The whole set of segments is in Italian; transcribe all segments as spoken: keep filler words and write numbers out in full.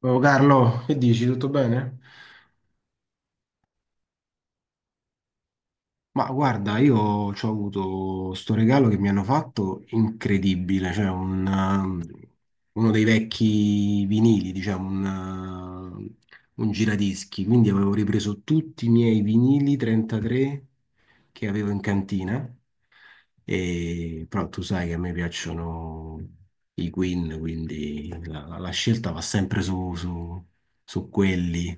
Oh, Carlo, che dici? Tutto bene? Ma guarda, io ho avuto sto regalo che mi hanno fatto incredibile, cioè un, um, uno dei vecchi vinili, diciamo, un, uh, un giradischi, quindi avevo ripreso tutti i miei vinili trentatré che avevo in cantina, e, però tu sai che a me piacciono i Queen, quindi la, la scelta va sempre su, su su quelli.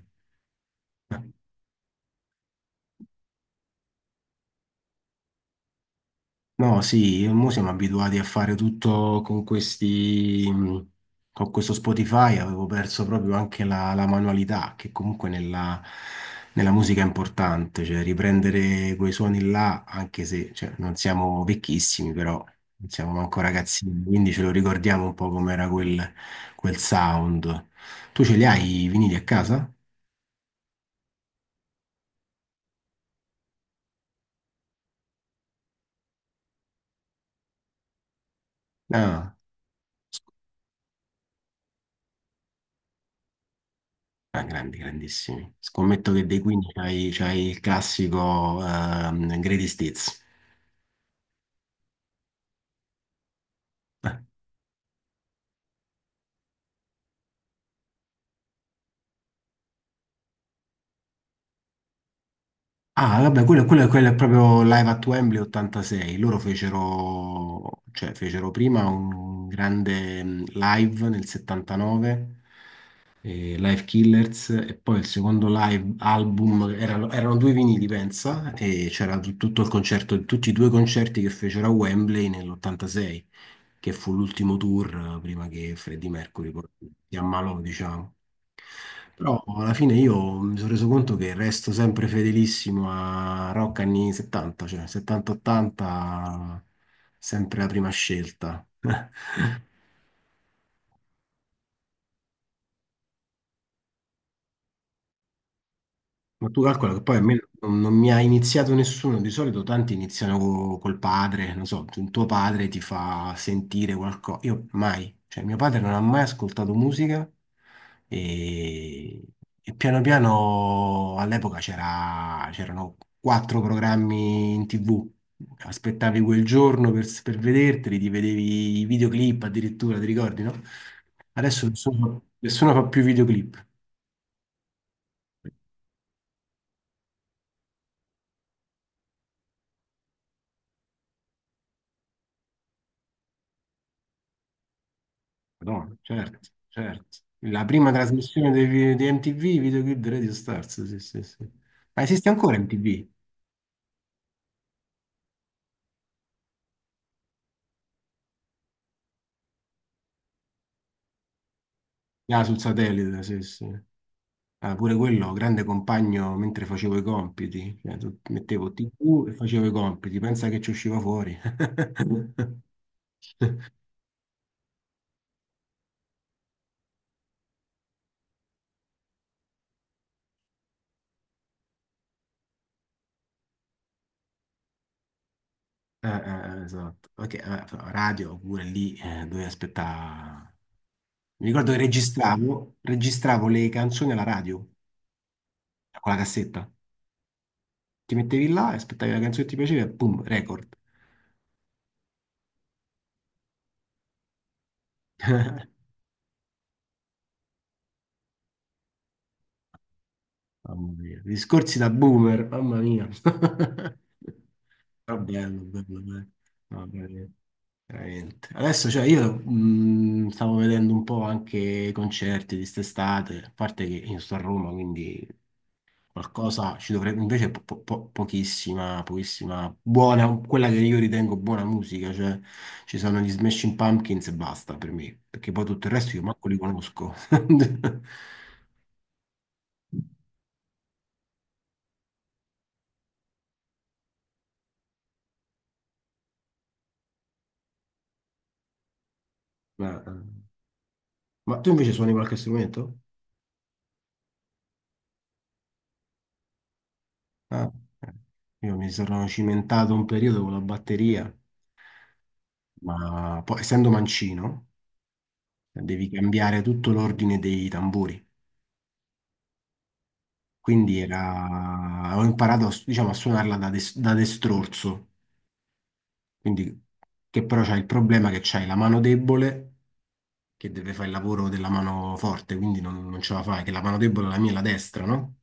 No, sì, mo siamo abituati a fare tutto con questi, mh, con questo Spotify, avevo perso proprio anche la, la manualità, che comunque nella, nella musica è importante, cioè riprendere quei suoni là, anche se cioè, non siamo vecchissimi, però non siamo manco ragazzini, quindi ce lo ricordiamo un po' com'era quel, quel sound. Tu ce li hai i vinili a casa? Ah. Ah, grandi, grandissimi. Scommetto che dei Queen c'hai, c'hai il classico ehm, Greatest Hits. Eh. Ah, vabbè, quello, quello- quello è proprio Live at Wembley ottantasei. Loro fecero, cioè, fecero prima un grande mm, live nel settantanove, eh, Live Killers, e poi il secondo live album erano, erano due vinili, pensa, e c'era tu- tutto il concerto, tutti i due concerti che fecero a Wembley nell'ottantasei, che fu l'ultimo tour eh, prima che Freddie Mercury poi si ammalò, diciamo. Però alla fine io mi sono reso conto che resto sempre fedelissimo a rock anni settanta, cioè settanta, ottanta, sempre la prima scelta. Ma tu calcola che poi a me non, non mi ha iniziato nessuno, di solito tanti iniziano co- col padre, non so, tu- tuo padre ti fa sentire qualcosa, io mai, cioè mio padre non ha mai ascoltato musica e, e piano piano all'epoca c'era- c'erano quattro programmi in T V, aspettavi quel giorno per, per vederteli, ti vedevi i videoclip addirittura, ti ricordi, no? Adesso nessuno, nessuno, fa più videoclip. No, certo, certo. La prima trasmissione dei vi- di, M T V, videoclip di Radio Stars, sì, sì, sì. Ma esiste ancora M T V? Ah, sul satellite, sì, sì. Ah, pure quello, grande compagno mentre facevo i compiti. Cioè, tu- mettevo T V e facevo i compiti, pensa che ci usciva fuori. Ah, ah, esatto. Ok, ah, radio pure lì, eh, dove aspettare. Mi ricordo che registravo, registravo le canzoni alla radio, con la cassetta. Ti mettevi là e aspettavi la canzone che ti piaceva e boom, record. Mamma mia, discorsi da boomer, mamma mia. Però bello, bello, bello. No, veramente. Veramente. Adesso, cioè, io mh, stavo vedendo un po' anche i concerti di quest'estate, a parte che io sto a Roma, quindi qualcosa ci dovrebbe, invece po- po- po- pochissima, pochissima, buona, quella che io ritengo buona musica, cioè ci sono gli Smashing Pumpkins e basta per me, perché poi tutto il resto io manco li conosco. Ma, ma tu invece suoni qualche strumento? Ah, eh. Io mi sono cimentato un periodo con la batteria, ma poi essendo mancino devi cambiare tutto l'ordine dei tamburi. Quindi era. Ho imparato a s- diciamo, a suonarla da, des- da destrorso, quindi che però c'è il problema che c'hai la mano debole che deve fare il lavoro della mano forte, quindi non, non ce la fai, che la mano debole è la mia, è la destra, no?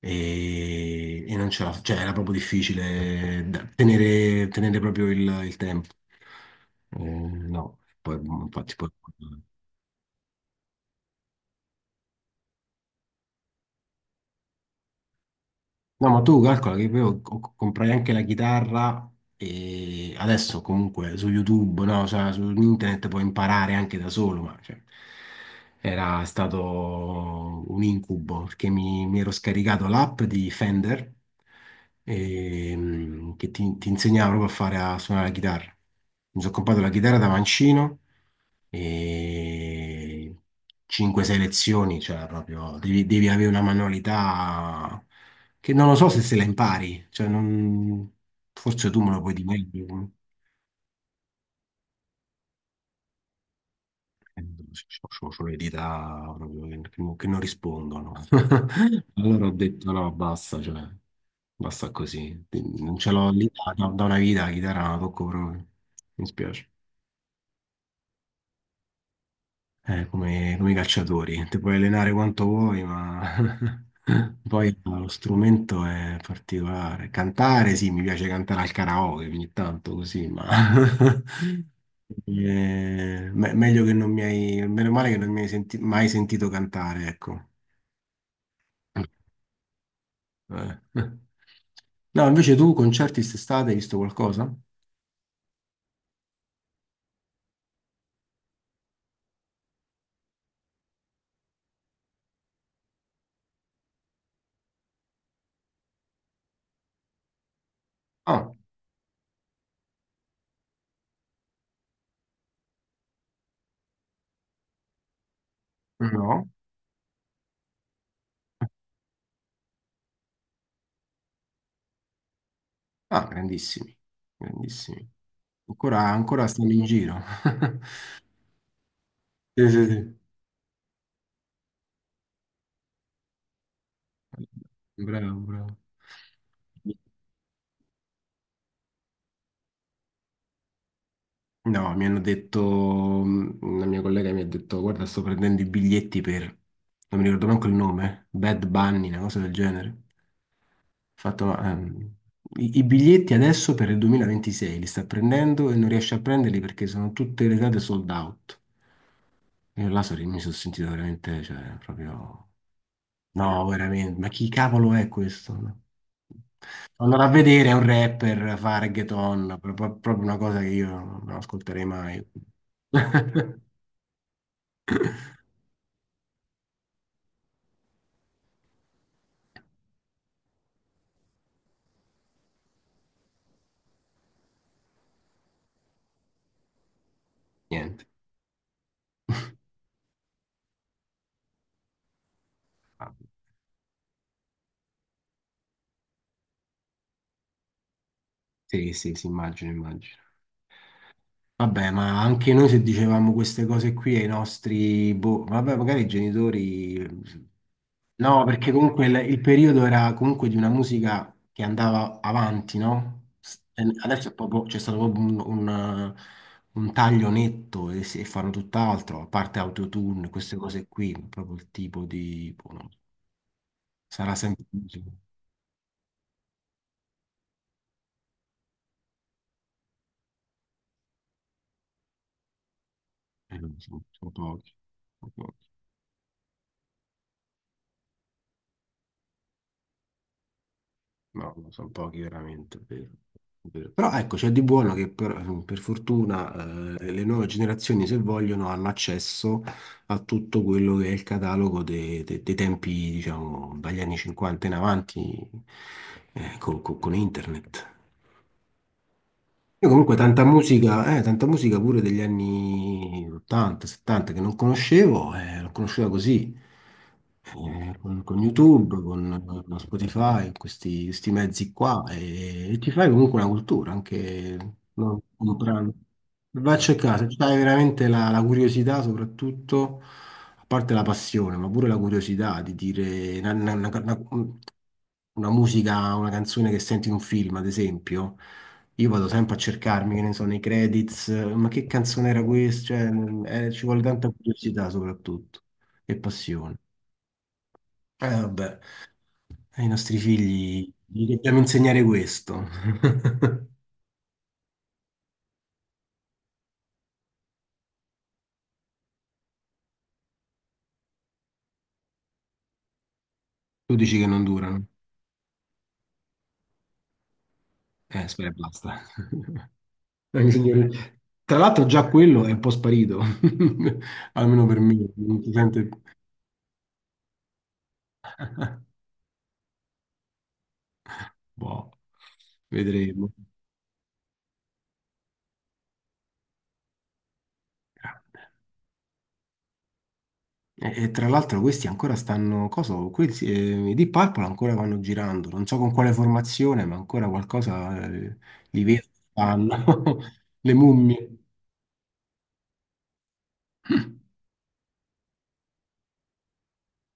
e, e non ce la, cioè era proprio difficile da- tenere, tenere, proprio il, il tempo. Eh, no, poi infatti poi. No, ma tu calcola che io ho- ho- comprai anche la chitarra e adesso comunque su YouTube, no, cioè, su internet puoi imparare anche da solo, ma cioè, era stato un incubo perché mi, mi ero scaricato l'app di Fender, ehm, che ti, ti, insegnava proprio a fare a suonare la chitarra. Mi sono comprato la chitarra da mancino e cinque selezioni, cioè proprio devi, devi avere una manualità che non lo so se se la impari, cioè non- forse tu me lo puoi dire meglio. Ho le dita proprio che, che non che non rispondono. Allora ho detto no, basta, cioè, basta così. Non ce l'ho lì da, da una vita, la chitarra non la tocco proprio. Mi spiace. eh, come, come i calciatori. Ti puoi allenare quanto vuoi, ma poi lo strumento è particolare. Cantare, sì, mi piace cantare al karaoke ogni tanto così, ma eh, me- meglio che non mi hai, meno male che non mi hai senti- mai sentito cantare, ecco. Eh. No, invece tu concerti quest'estate hai visto qualcosa? Ah, no. Ah, grandissimi, grandissimi. Ancora, ancora stanno in giro. Sì, sì, sì. Bravo, bravo. No, mi hanno detto, mh, una mia collega mi ha detto, guarda, sto prendendo i biglietti per, non mi ricordo manco il nome, Bad Bunny, una cosa del genere. Ho fatto, ma, ehm, i, i, biglietti adesso per il duemilaventisei li sta prendendo e non riesce a prenderli perché sono tutte le date sold out. Io là so- mi sono sentito veramente, cioè, proprio. No, veramente, ma chi cavolo è questo? No. Andare a vedere è un rapper, fa reggaeton, pro- pro- proprio una cosa che io non ascolterei mai. Niente. Sì, sì, sì, immagino, immagino. Vabbè, ma anche noi se dicevamo queste cose qui ai nostri, boh, vabbè, magari i genitori. No, perché comunque il, il periodo era comunque di una musica che andava avanti, no? S- e Adesso è proprio- c'è stato proprio un, un, un, taglio netto e, si- e fanno tutt'altro, a parte autotune, queste cose qui, proprio il tipo di, boh, no. Sarà sempre musica. Eh, sono- sono pochi. No, sono pochi veramente, vero, vero. Però ecco, c'è di buono che per, per fortuna, eh, le nuove generazioni, se vogliono, hanno accesso a tutto quello che è il catalogo de- de- dei tempi, diciamo, dagli anni cinquanta in avanti, eh, co- co- con, internet. Io comunque tanta musica, eh, tanta musica pure degli anni ottanta, settanta che non conoscevo, eh, l'ho conosciuta così, eh, con, con YouTube, con, con Spotify, questi, questi mezzi qua, e, e ti fai comunque una cultura, anche no, un brano. Va a cercare, se hai veramente la, la, curiosità soprattutto, a parte la passione, ma pure la curiosità di dire, una, una musica, una canzone che senti in un film, ad esempio, io vado sempre a cercarmi, che ne so, nei credits, eh, ma che canzone era questa? Cioè, mm, eh, ci vuole tanta curiosità soprattutto e passione. Eh, vabbè, ai nostri figli gli dobbiamo insegnare questo. Tu dici che non durano. Eh, spera, e basta. Anche signori- Tra l'altro già quello è un po' sparito, almeno per me, non si sente. Boh, vedremo. E, e tra l'altro questi ancora stanno, cosa, questi, eh, i Deep Purple ancora vanno girando, non so con quale formazione, ma ancora qualcosa, eh, li vedo, fanno, le mummie.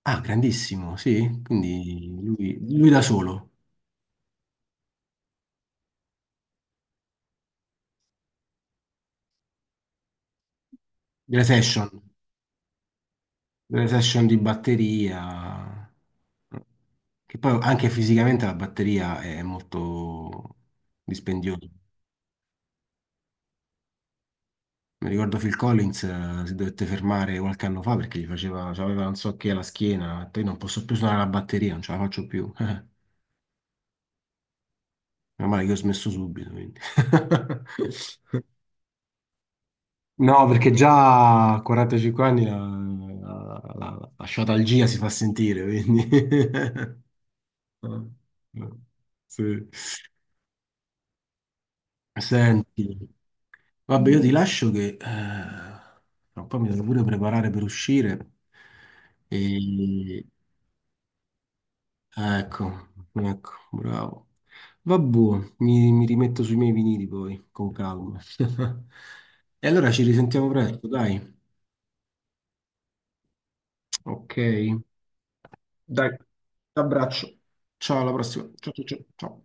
Ah, grandissimo, sì, quindi lui, lui, da solo, delle session, delle session di batteria, che poi anche fisicamente la batteria è molto dispendiosa. Mi ricordo Phil Collins, eh, si dovette fermare qualche anno fa perché gli faceva, cioè, aveva non so che alla schiena, poi non posso più suonare la batteria, non ce la faccio più. Meno male che ho smesso subito, quindi. No, perché già a quarantacinque anni la, la, la, la, sciatalgia si fa sentire, quindi. Sì. Senti, vabbè, io ti lascio che eh, tra un po' mi devo pure preparare per uscire e. Ecco, ecco, bravo. Vabbù, mi, mi, rimetto sui miei vinili poi, con calma. E allora ci risentiamo presto, dai. Ok, dai, abbraccio. Ciao, alla prossima. Ciao, ciao, ciao, ciao.